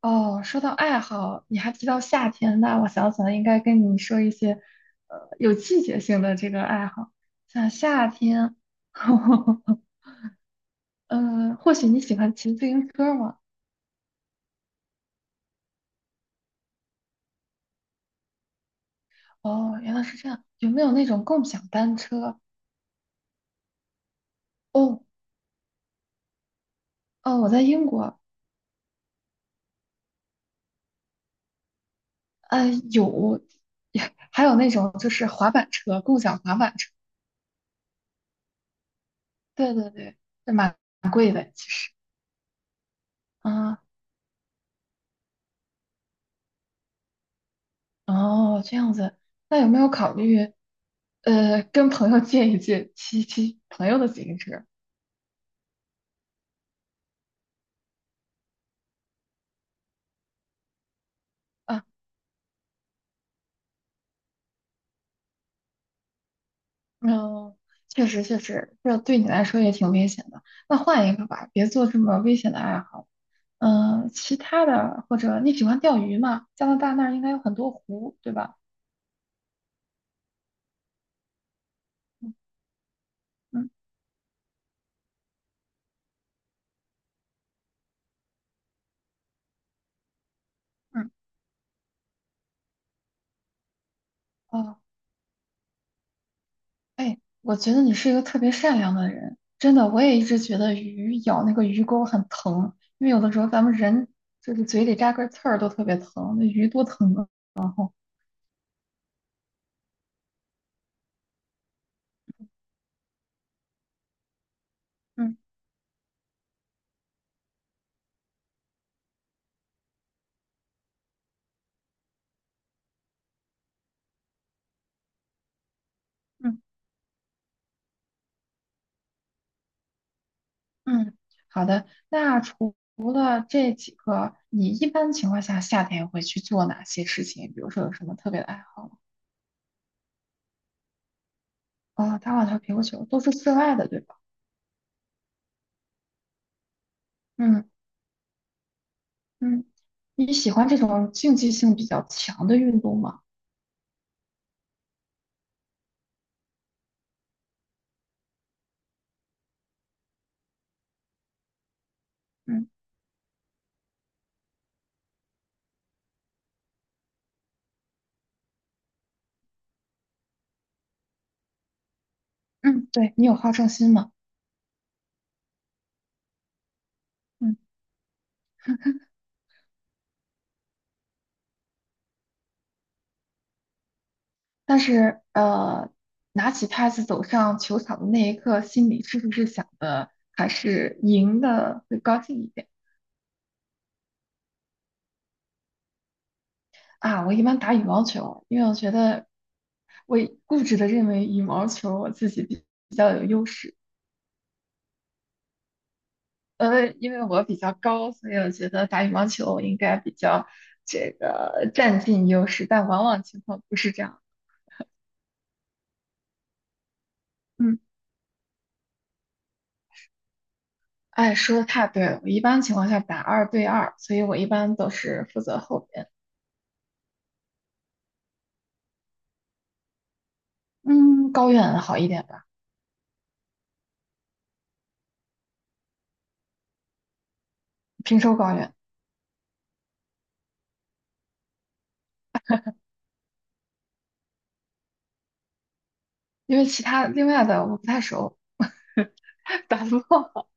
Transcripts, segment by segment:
哦，说到爱好，你还提到夏天，那我想起来应该跟你说一些，有季节性的这个爱好，像夏天，嗯或许你喜欢骑自行车吗？哦，原来是这样，有没有那种共享单车？哦，哦，我在英国，呃，有，还有那种就是滑板车，共享滑板车，对对对，对嘛，啊。嗯哦，这样子，那有没有考虑，跟朋友借一借，骑骑朋友的自行车啊？嗯，确实确实，这对你来说也挺危险的。那换一个吧，别做这么危险的爱好。嗯，其他的或者你喜欢钓鱼吗？加拿大那儿应该有很多湖，对吧？嗯嗯嗯，哦。哎，我觉得你是一个特别善良的人，真的，我也一直觉得鱼咬那个鱼钩很疼，因为有的时候咱们人就是嘴里扎根刺儿都特别疼，那鱼多疼啊！然后，嗯嗯嗯，好的，那除了这几个，你一般情况下夏天会去做哪些事情？比如说有什么特别的爱好吗？啊、打网球、乒乓球都是室外的，对吧？嗯嗯，你喜欢这种竞技性比较强的运动吗？嗯嗯，对，你有好胜心吗？嗯。但是拿起拍子走上球场的那一刻，心里是不是想的还是赢的会高兴一点啊？我一般打羽毛球，因为我觉得我固执的认为羽毛球我自己比较有优势。因为我比较高，所以我觉得打羽毛球我应该比较这个占尽优势，但往往情况不是这样。嗯，哎，说的太对了，我一般情况下打二对二，所以我一般都是负责后边。嗯，高远好一点吧，平州高远，因为其他另外的我不太熟，打不过。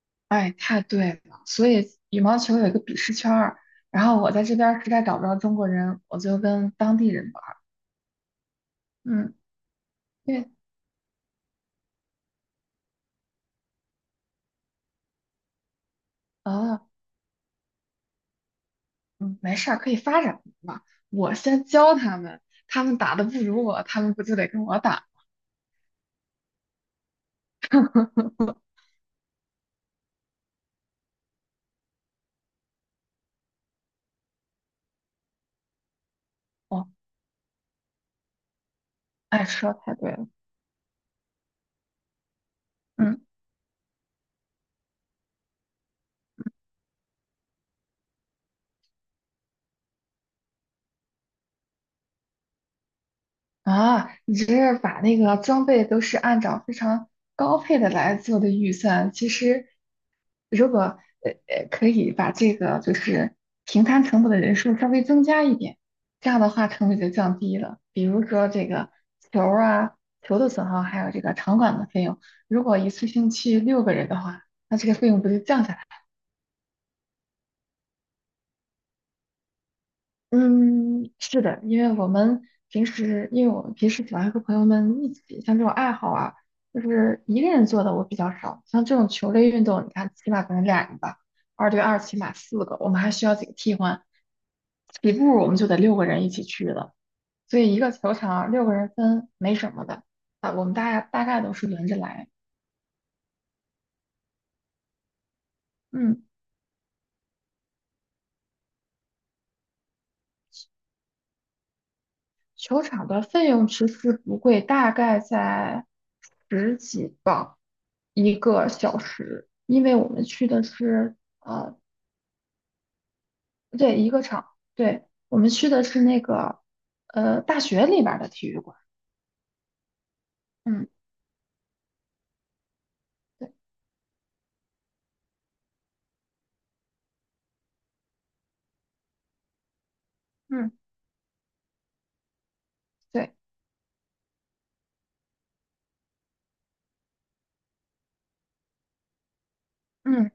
哎，太对了，所以羽毛球有一个鄙视圈儿，然后我在这边儿实在找不着中国人，我就跟当地人玩儿。嗯，因为啊，嗯，没事儿，可以发展嘛。我先教他们，他们打的不如我，他们不就得跟我打？哦，哎，说得太对了。嗯。啊，你这是把那个装备都是按照非常高配的来做的预算。其实，如果可以把这个就是平摊成本的人数稍微增加一点，这样的话成本就降低了。比如说这个球儿啊、球的损耗，还有这个场馆的费用，如果一次性去六个人的话，那这个费用不就降下来了嗯，是的，因为我们平时，因为我们平时喜欢和朋友们一起，像这种爱好啊，就是一个人做的我比较少。像这种球类运动，你看起码可能俩人吧，二对二起码四个，我们还需要几个替换。起步我们就得六个人一起去了，所以一个球场啊六个人分没什么的啊，我们大概都是轮着来。嗯。球场的费用其实不贵，大概在十几磅一个小时，因为我们去的是不对，一个场，对，我们去的是那个大学里边儿的体育馆，嗯，对，嗯，对，嗯，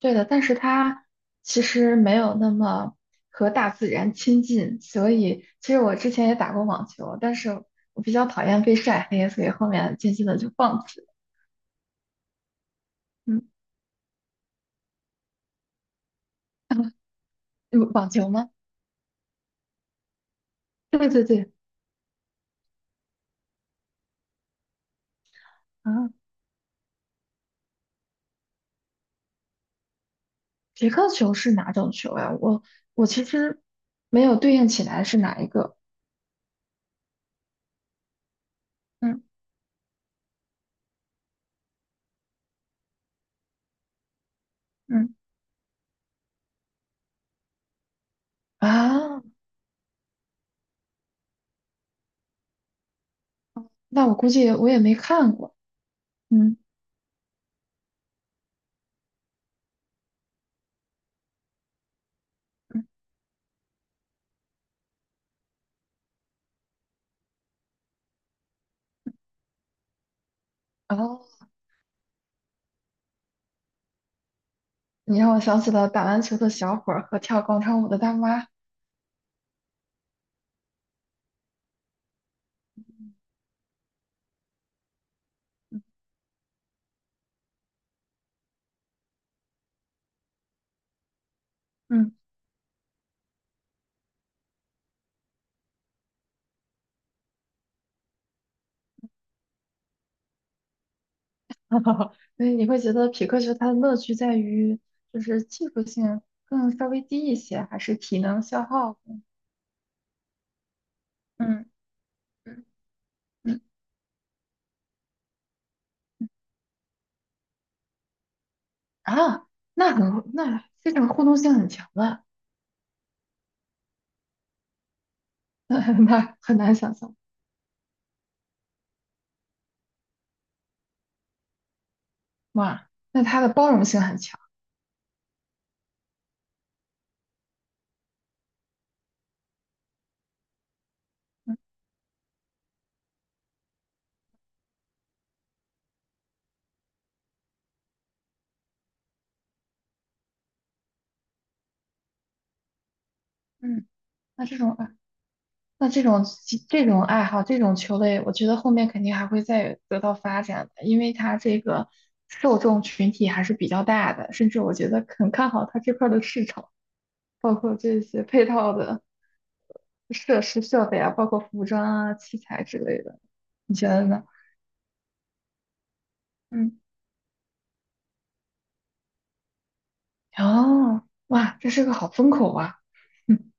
对的，但是它其实没有那么和大自然亲近，所以其实我之前也打过网球，但是我比较讨厌被晒黑，所以后面渐渐的就放弃了，嗯，嗯网球吗？对对对，啊，皮克球是哪种球呀、我其实没有对应起来是哪一个嗯嗯啊？那我估计我也没看过。嗯，嗯哦，你让我想起了打篮球的小伙儿和跳广场舞的大妈。嗯，哈哈。所以你会觉得匹克球它的乐趣在于就是技术性更稍微低一些，还是体能消耗？嗯嗯嗯啊，那这种互动性很强的，那很难想象。哇，那他的包容性很强。嗯嗯，那这种爱，那这种爱好，这种球类，我觉得后面肯定还会再得到发展的，因为它这个受众群体还是比较大的，甚至我觉得很看好它这块儿的市场，包括这些配套的设施设备啊，包括服装啊、器材之类的，你觉得呢？嗯，哦，哇，这是个好风口啊！嗯，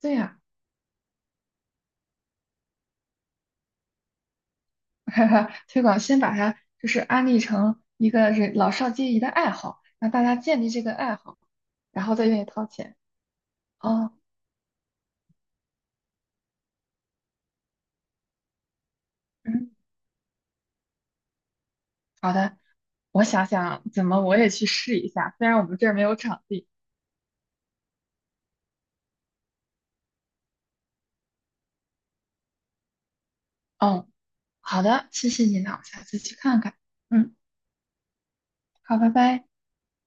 对呀。哈哈，推广，先把它就是安利成一个人老少皆宜的爱好，让大家建立这个爱好，然后再愿意掏钱。哦，嗯，好的，我想想怎么我也去试一下，虽然我们这儿没有场地。哦，好的，谢谢你呢，我下次去看看。嗯，好，拜拜。